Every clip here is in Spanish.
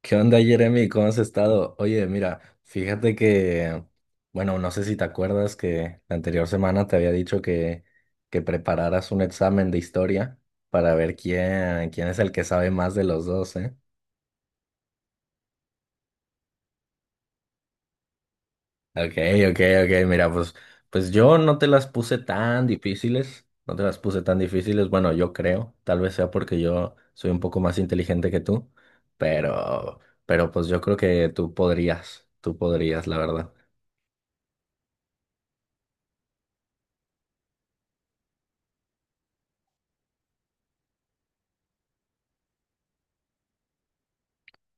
¿Qué onda, Jeremy? ¿Cómo has estado? Oye, mira, fíjate que, bueno, no sé si te acuerdas que la anterior semana te había dicho que prepararas un examen de historia para ver quién es el que sabe más de los dos, ¿eh? Ok, ok, ok, mira, pues yo no te las puse tan difíciles, no te las puse tan difíciles, bueno, yo creo, tal vez sea porque yo soy un poco más inteligente que tú, pero, pero pues yo creo que tú podrías, la verdad.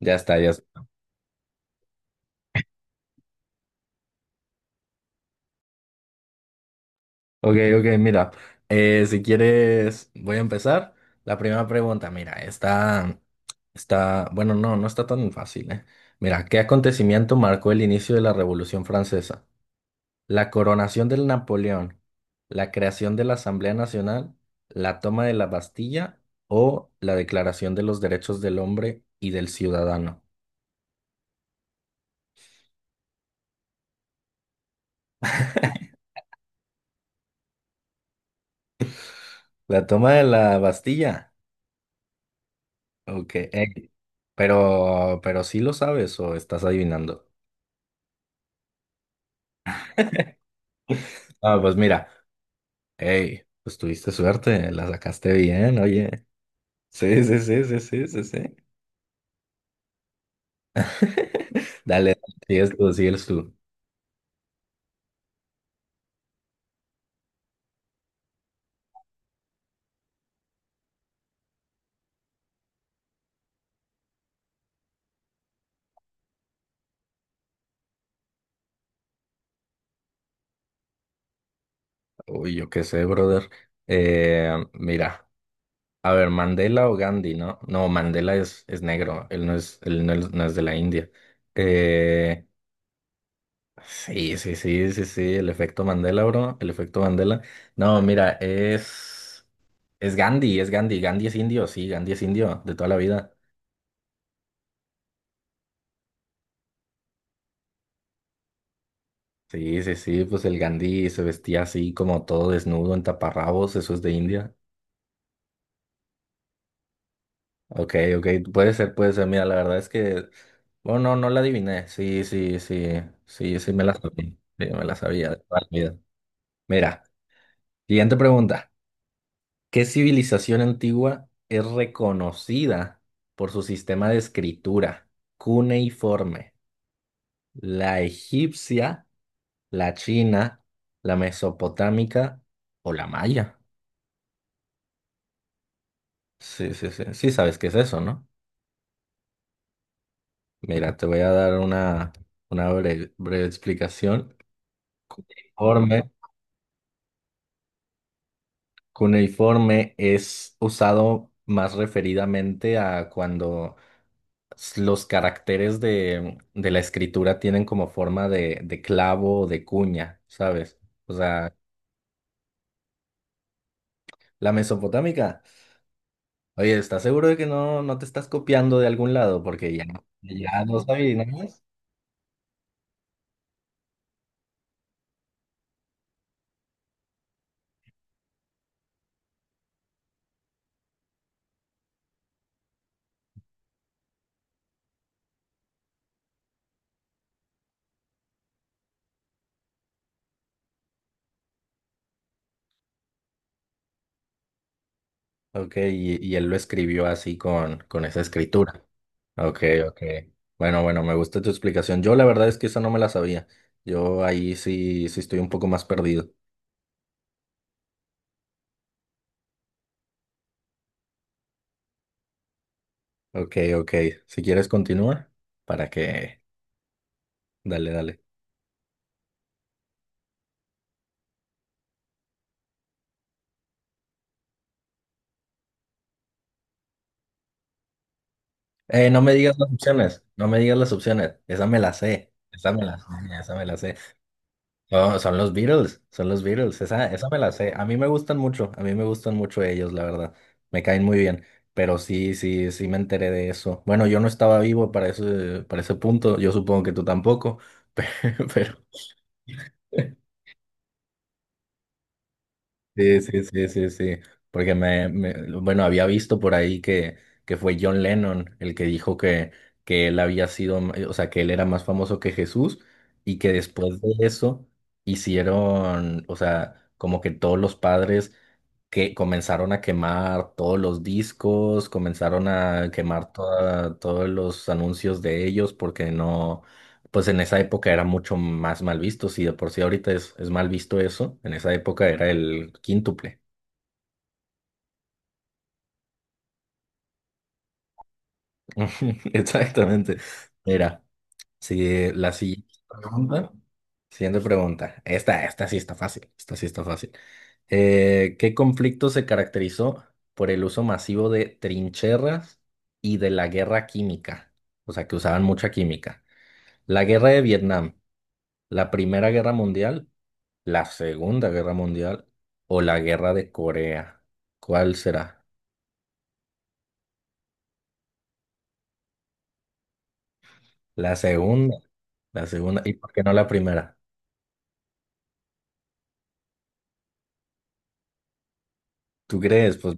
Ya está, ya está. Ok, ok, mira, si quieres, voy a empezar. La primera pregunta, mira, está, bueno, no está tan fácil, ¿eh? Mira, ¿qué acontecimiento marcó el inicio de la Revolución Francesa? La coronación del Napoleón, la creación de la Asamblea Nacional, la toma de la Bastilla o la Declaración de los Derechos del Hombre y del Ciudadano. La toma de la Bastilla, ok, pero sí lo sabes o estás adivinando. Ah, pues mira. Hey, pues tuviste suerte, la sacaste bien, oye. Sí, sí, sí, sí, sí, sí, sí. Dale, sigues tú, sigues tú. Uy, yo qué sé, brother. Mira, a ver, Mandela o Gandhi, ¿no? No, Mandela es negro, él no es, no es de la India. Eh, sí, sí, sí, sí, sí, el efecto Mandela, bro, el efecto Mandela. No, mira, es Gandhi, es Gandhi, Gandhi es indio, sí, Gandhi es indio de toda la vida. Sí, sí, sí, pues el Gandhi se vestía así como todo desnudo en taparrabos, eso es de India. Ok, ok, puede ser, puede ser. Mira, la verdad es que, bueno, no la adiviné. Sí, sí, sí, sí, sí me la sabía. Sí, me la sabía de toda la vida. Mira, siguiente pregunta. ¿Qué civilización antigua es reconocida por su sistema de escritura cuneiforme? ¿La egipcia, la china, la mesopotámica o la maya? Sí, sí, sí. Sí, sabes qué es eso, ¿no? Mira, te voy a dar una breve, breve explicación. Cuneiforme. Cuneiforme es usado más referidamente a cuando los caracteres de la escritura tienen como forma de clavo o de cuña, ¿sabes? O sea, la mesopotámica. Oye, ¿estás seguro de que no te estás copiando de algún lado? Porque ya, ya no sabías. Ok, y él lo escribió así con esa escritura. Ok, ok. Bueno, bueno, me gusta tu explicación. Yo la verdad es que esa no me la sabía. Yo ahí sí, sí estoy un poco más perdido. Ok, ok. Si quieres continúa, para que. Dale, dale. No me digas las opciones, no me digas las opciones. Esa me la sé, esa me la sé, esa me la sé. No, son los Beatles, esa me la sé. A mí me gustan mucho, a mí me gustan mucho ellos, la verdad. Me caen muy bien, pero sí, sí, sí me enteré de eso. Bueno, yo no estaba vivo para ese punto, yo supongo que tú tampoco, pero, pero sí, sí, sí, sí, sí. Porque bueno, había visto por ahí que fue John Lennon el que dijo que él había sido, o sea, que él era más famoso que Jesús y que después de eso hicieron, o sea, como que todos los padres que comenzaron a quemar todos los discos, comenzaron a quemar todos los anuncios de ellos, porque no, pues en esa época era mucho más mal visto, si de por sí ahorita es mal visto eso, en esa época era el quíntuple. Exactamente, era, si la siguiente pregunta. Siguiente pregunta. Esta sí está fácil. Esta sí está fácil. ¿Qué conflicto se caracterizó por el uso masivo de trincheras y de la guerra química? O sea, que usaban mucha química. La guerra de Vietnam, la Primera Guerra Mundial, la Segunda Guerra Mundial o la guerra de Corea. ¿Cuál será? La segunda. La segunda. ¿Y por qué no la primera? ¿Tú crees? Pues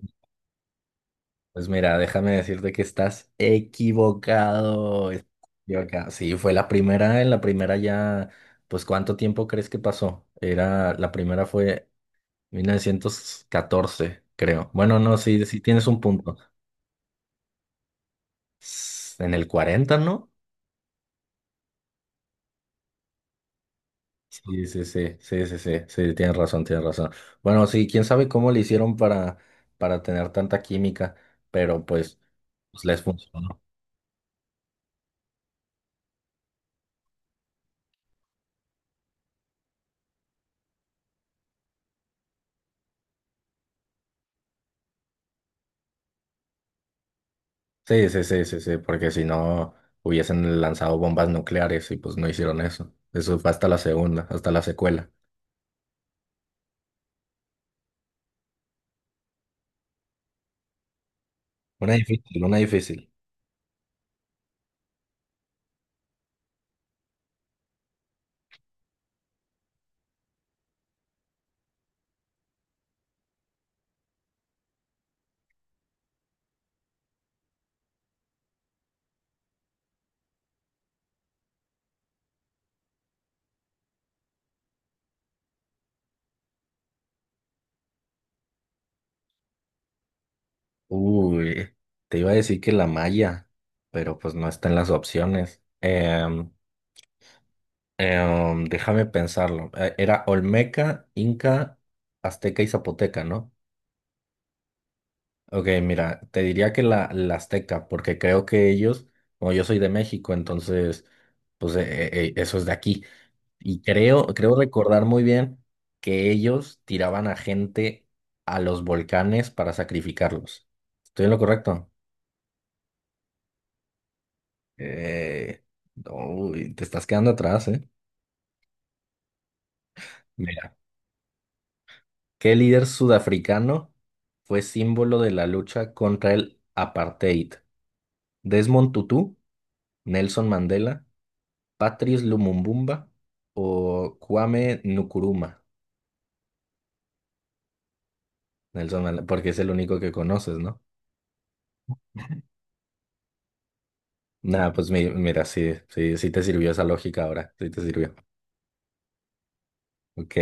Pues mira, déjame decirte que estás equivocado. Estás equivocado. Sí, fue la primera, en la primera ya, pues ¿cuánto tiempo crees que pasó? La primera fue 1914, creo. Bueno, no, sí, sí tienes un punto. En el 40, ¿no? Sí, sí, sí, sí, sí, sí, sí, tienes razón, tienes razón. Bueno, sí, quién sabe cómo le hicieron para tener tanta química, pero pues les funcionó. Sí, sí, sí, sí, sí, porque si no hubiesen lanzado bombas nucleares y pues no hicieron eso. Eso fue hasta la segunda, hasta la secuela. Una difícil, una difícil. Uy, te iba a decir que la malla, pero pues no está en las opciones. Déjame pensarlo. Era Olmeca, Inca, Azteca y Zapoteca, ¿no? Ok, mira, te diría que la Azteca, porque creo que ellos, como yo soy de México, entonces, pues eso es de aquí. Y creo recordar muy bien que ellos tiraban a gente a los volcanes para sacrificarlos. ¿Estoy en lo correcto? Eh, uy, te estás quedando atrás, ¿eh? Mira, ¿qué líder sudafricano fue símbolo de la lucha contra el apartheid? ¿Desmond Tutu, Nelson Mandela, Patrice Lumumbumba o Kwame Nkrumah? Nelson Mandela, porque es el único que conoces, ¿no? Nada, pues mira, sí, sí, sí te sirvió esa lógica ahora, sí te sirvió. Ok,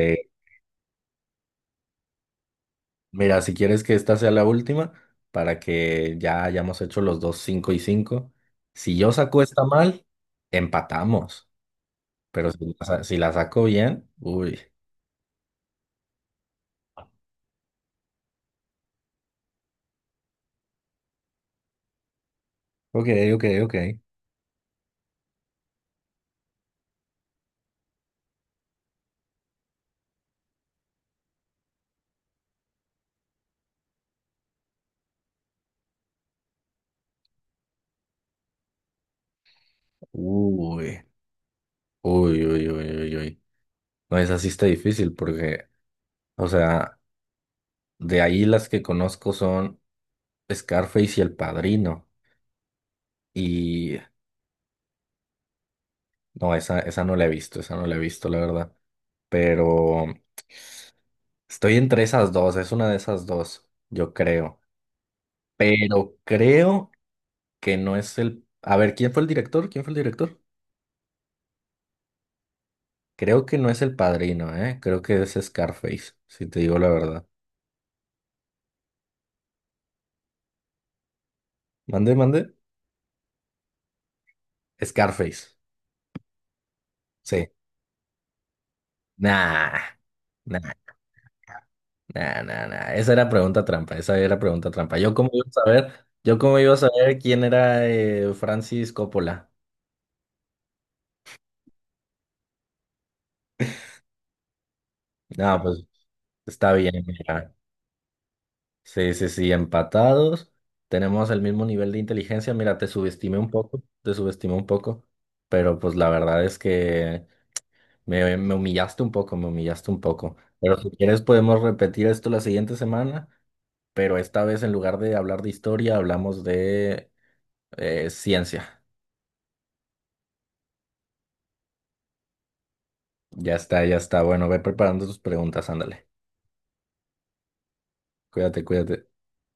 mira, si quieres que esta sea la última, para que ya hayamos hecho los dos 5 y 5 si yo saco esta mal, empatamos, pero si la saco bien, uy. Ok, ok, ok. Uy, uy, uy, uy, uy, uy. No, esa sí está difícil porque, o sea. De ahí las que conozco son Scarface y El Padrino. Y no, esa no la he visto, esa no la he visto, la verdad. Pero estoy entre esas dos, es una de esas dos, yo creo. Pero creo que no es el. A ver, ¿quién fue el director? ¿Quién fue el director? Creo que no es El Padrino, ¿eh? Creo que es Scarface, si te digo la verdad. Mande, mande. Scarface. Sí. Nah, nah, nah, nah, nah. Esa era pregunta trampa, esa era pregunta trampa. Yo cómo iba a saber, yo cómo iba a saber quién era Francis Coppola. No, pues está bien, mira. Sí, sí, sí, empatados. Tenemos el mismo nivel de inteligencia. Mira, te subestimé un poco, te subestimé un poco, pero pues la verdad es que me humillaste un poco, me humillaste un poco. Pero si quieres podemos repetir esto la siguiente semana, pero esta vez en lugar de hablar de historia, hablamos de ciencia. Ya está, ya está. Bueno, ve preparando tus preguntas, ándale. Cuídate, cuídate.